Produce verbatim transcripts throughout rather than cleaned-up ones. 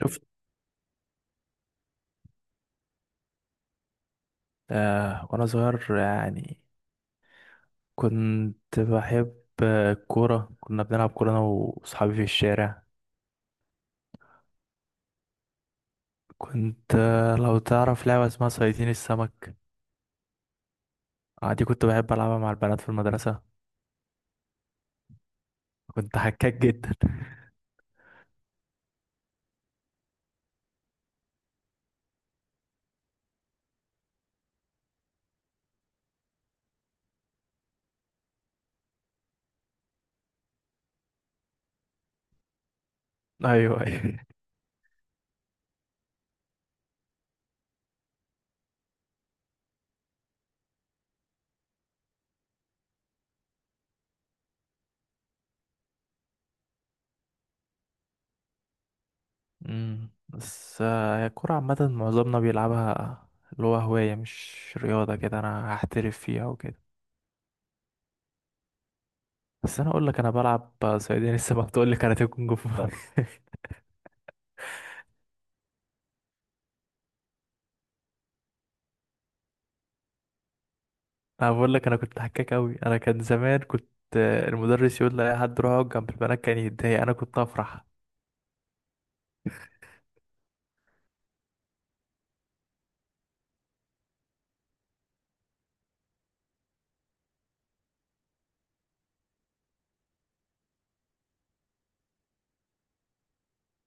شفت. آه وانا صغير، يعني كنت بحب. آه، الكورة، كنا بنلعب كورة انا واصحابي في الشارع. كنت آه، لو تعرف لعبة اسمها صيادين السمك، آه دي كنت بحب العبها مع البنات في المدرسة. كنت حكاك جدا. ايوه ايوه. أمم، بس آه، هي الكورة عامة معظمنا بيلعبها، اللي هو هواية مش رياضة كده انا هحترف فيها وكده. بس انا اقول لك، انا بلعب آه، صيادين السمك، تقول لي كاراتيه كونج فو. انا بقول لك انا كنت حكاك قوي. انا كان زمان كنت، آه، المدرس يقول لأي حد روح اقعد جنب البنات كان يتضايق، انا كنت افرح.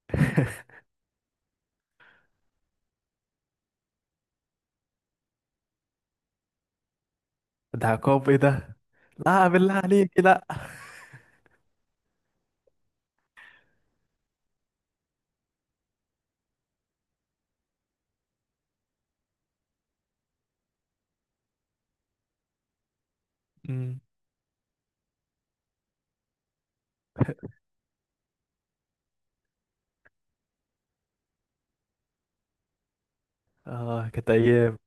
ده عقاب ايه ده؟ لا بالله عليك، لا. أمم. اه، كانت ايام.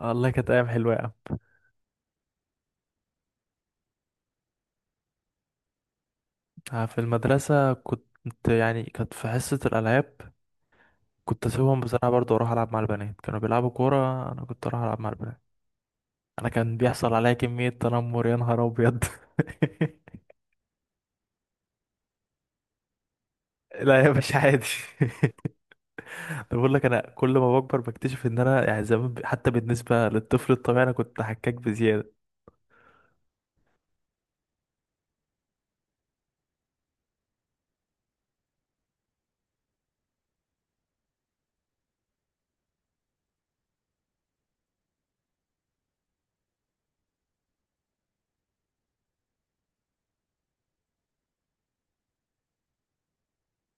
والله كانت ايام حلوه يا عم. آه، في المدرسه كنت، يعني كانت في حصه الالعاب، كنت اسيبهم بصراحه برضه اروح العب مع البنات. كانوا بيلعبوا كوره، انا كنت اروح العب مع البنات. انا كان بيحصل عليا كميه تنمر، يا نهار ابيض. لا يا باشا عادي. أنا بقول لك، انا كل ما بكبر بكتشف ان انا يعني زمان ب- حتى بالنسبه للطفل الطبيعي انا كنت حكاك بزياده.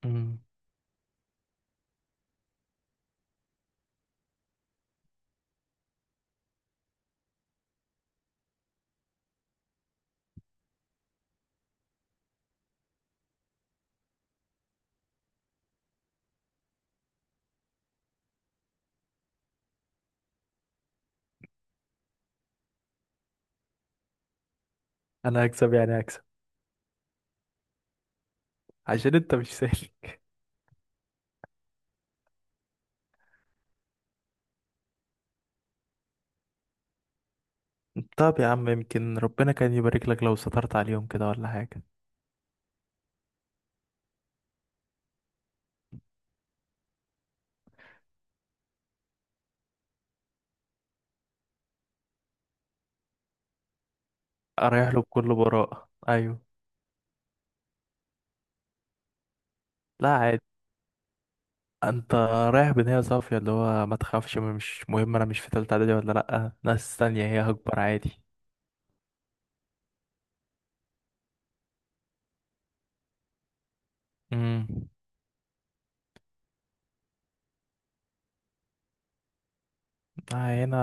مم. انا هكسب، يعني هكسب، عشان انت مش سهل. طب يا عم، يمكن ربنا كان يبارك لك لو سترت عليهم كده ولا حاجه. اريح له بكل براءه، ايوه. لا عادي، انت رايح بنية صافية، اللي هو ما تخافش، مش مهم انا مش في تالتة اعدادي ولا لأ، ناس تانية هي، هكبر عادي. مم. آه، هنا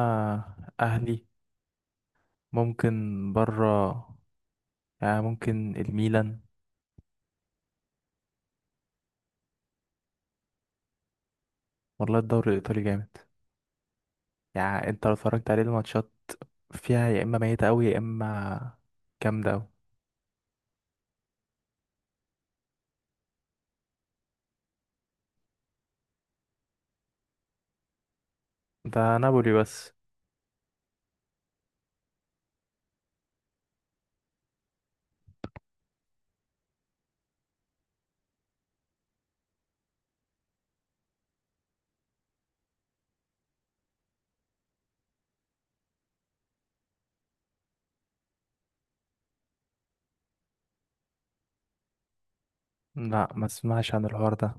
أهلي، ممكن برا يعني ممكن الميلان. والله الدوري الإيطالي جامد، يعني أنت لو اتفرجت عليه الماتشات، فيها يا إما ميتة أوي يا إما جامدة أوي. ده نابولي بس. لا، ما اسمعش عن الحوار ده.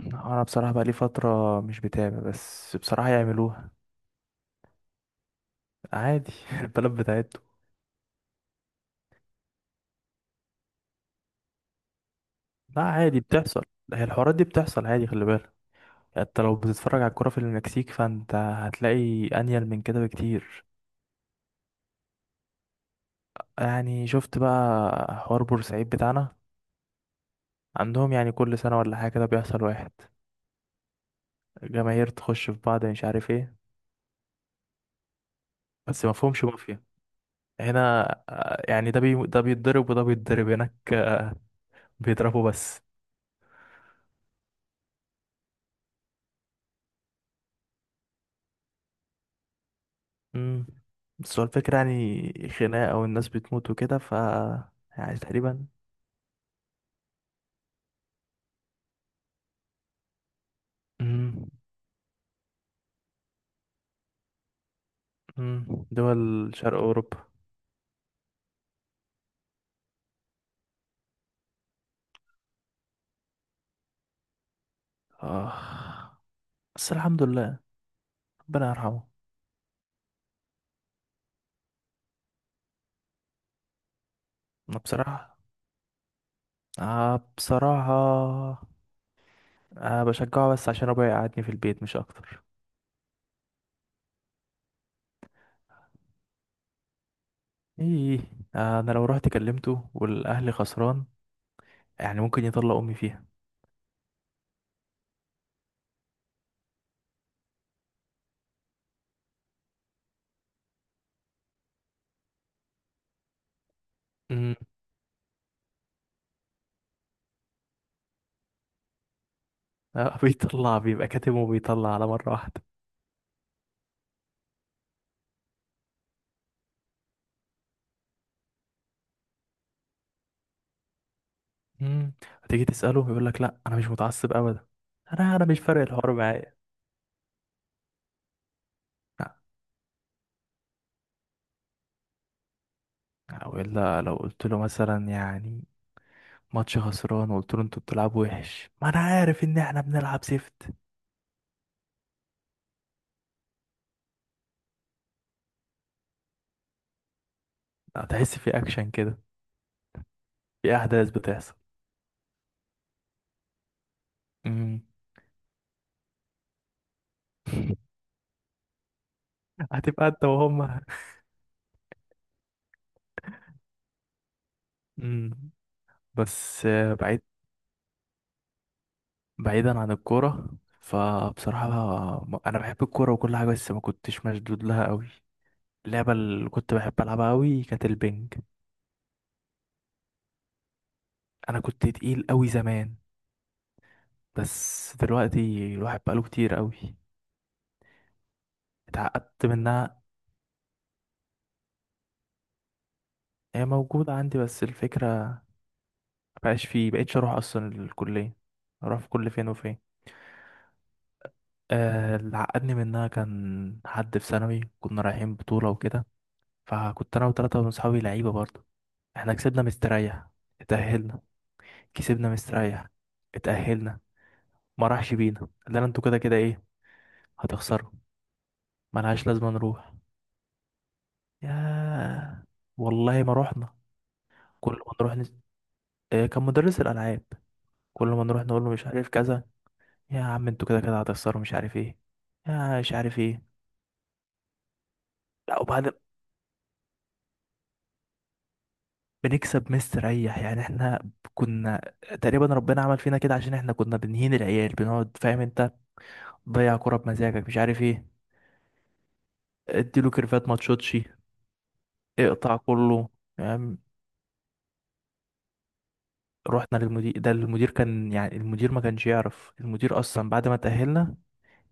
أنا بصراحة بقالي فترة مش بتابع، بس بصراحة يعملوها. عادي. البلد بتاعته. لا عادي، بتحصل. هي الحوارات دي بتحصل عادي، خلي بالك. يعني انت لو بتتفرج على الكرة في المكسيك، فانت هتلاقي انيل من كده بكتير. يعني شفت بقى حوار بورسعيد بتاعنا؟ عندهم يعني كل سنة ولا حاجة كده بيحصل واحد. جماهير تخش في بعض، مش عارف ايه، بس ما فهمش مافيا هنا. آه، يعني ده بي... ده بيتضرب وده بيتضرب هناك، آه، بيضربوا بس. امم. بس هو الفكرة يعني خناقة والناس بتموت وكده، ف يعني تقريبا. امم. امم، دول شرق أوروبا. آه. بس الحمد لله. ربنا يرحمه. أنا بصراحة، آه بصراحة، آه بشجعه بس عشان أبويا يقعدني في البيت مش أكتر. إيه. آه، أنا لو رحت كلمته والأهلي خسران، يعني ممكن يطلع امي فيها. امم. آه، بيطلع بيبقى كاتم وبيطلع على مره واحده. امم. هتيجي تساله يقول لك لا انا مش متعصب ابدا، انا انا مش فارق الحوار معايا. لا. او الا لو قلت له مثلا، يعني ماتش خسران، وقلت له انتوا بتلعبوا وحش، ما انا عارف ان احنا بنلعب سيفت. هتحس في اكشن كده، في احداث بتحصل. امم. هتبقى انت وهم. امم. بس آه، بعيد، بعيدا عن الكورة، فبصراحة، م- أنا بحب الكورة وكل حاجة بس ما كنتش مشدود لها أوي. اللعبة اللي كنت بحب ألعبها أوي كانت البنج. أنا كنت تقيل أوي زمان، بس دلوقتي الواحد بقاله كتير أوي، اتعقدت منها. هي موجودة عندي بس الفكرة مبقاش فيه، مبقتش أروح أصلا الكلية، أروح في كل فين وفين. آه، اللي عقدني منها كان حد في ثانوي، كنا رايحين بطولة وكده، فكنت أنا وتلاتة من صحابي لعيبة برضه. احنا كسبنا مستريح، اتأهلنا، كسبنا مستريح، اتأهلنا. ما راحش بينا، قال لنا انتوا كده كده ايه، هتخسروا، ملهاش لازمة نروح. ياه، والله ما رحنا. كل ما نروح نس... آه، كان مدرس الألعاب، كل ما نروح نقول له مش عارف كذا، يا عم انتوا كده كده هتخسروا مش عارف ايه، يا مش عارف ايه. لا، وبعد بنكسب مستريح يعني احنا، كنا تقريبا ربنا عمل فينا كده عشان احنا كنا بنهين العيال، بنقعد فاهم انت، ضيع كرة بمزاجك مش عارف ايه، اديله كيرفات ما تشوتش، اقطع كله. يعني رحنا للمدير، ده المدير كان، يعني المدير ما كانش يعرف، المدير اصلا بعد ما تأهلنا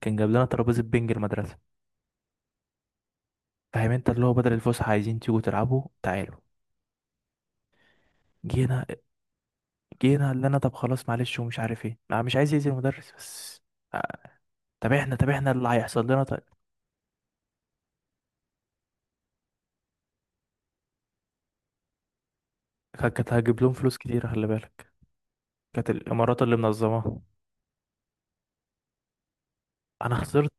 كان جاب لنا ترابيزة بنج المدرسة، فاهم انت؟ اللي هو بدل الفسحه عايزين تيجوا تلعبوا تعالوا. جينا. جينا اللي انا طب خلاص معلش ومش عارف ايه، انا مش عايز يأذي المدرس بس. آه، طب احنا، طب احنا اللي هيحصل لنا طيب، كانت كانت هجيب لهم فلوس كتير خلي بالك، كانت الامارات اللي منظماها. انا خسرت.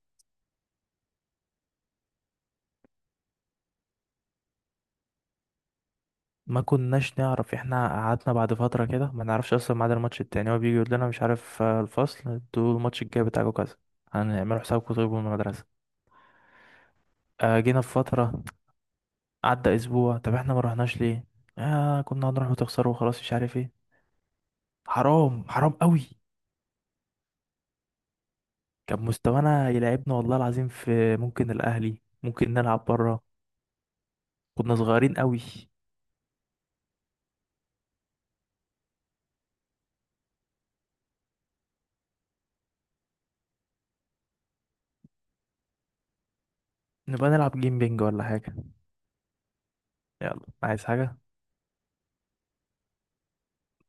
ما كناش نعرف، احنا قعدنا بعد فتره كده ما نعرفش اصلا ميعاد الماتش التاني، هو بيجي يقول لنا مش عارف، آه، الفصل انتوا الماتش الجاي بتاعكم كذا، هنعملوا حسابكم طيب من المدرسه. آه، جينا في فتره، عدى اسبوع، طب احنا ما رحناش ليه؟ آه كنا هنروح وتخسروا وخلاص مش عارف ايه. حرام، حرام قوي. كان مستوانا يلعبنا والله العظيم في، ممكن الاهلي ممكن نلعب بره، كنا صغيرين قوي. نبقى نلعب جيم بينج ولا حاجه. يلا، عايز حاجه؟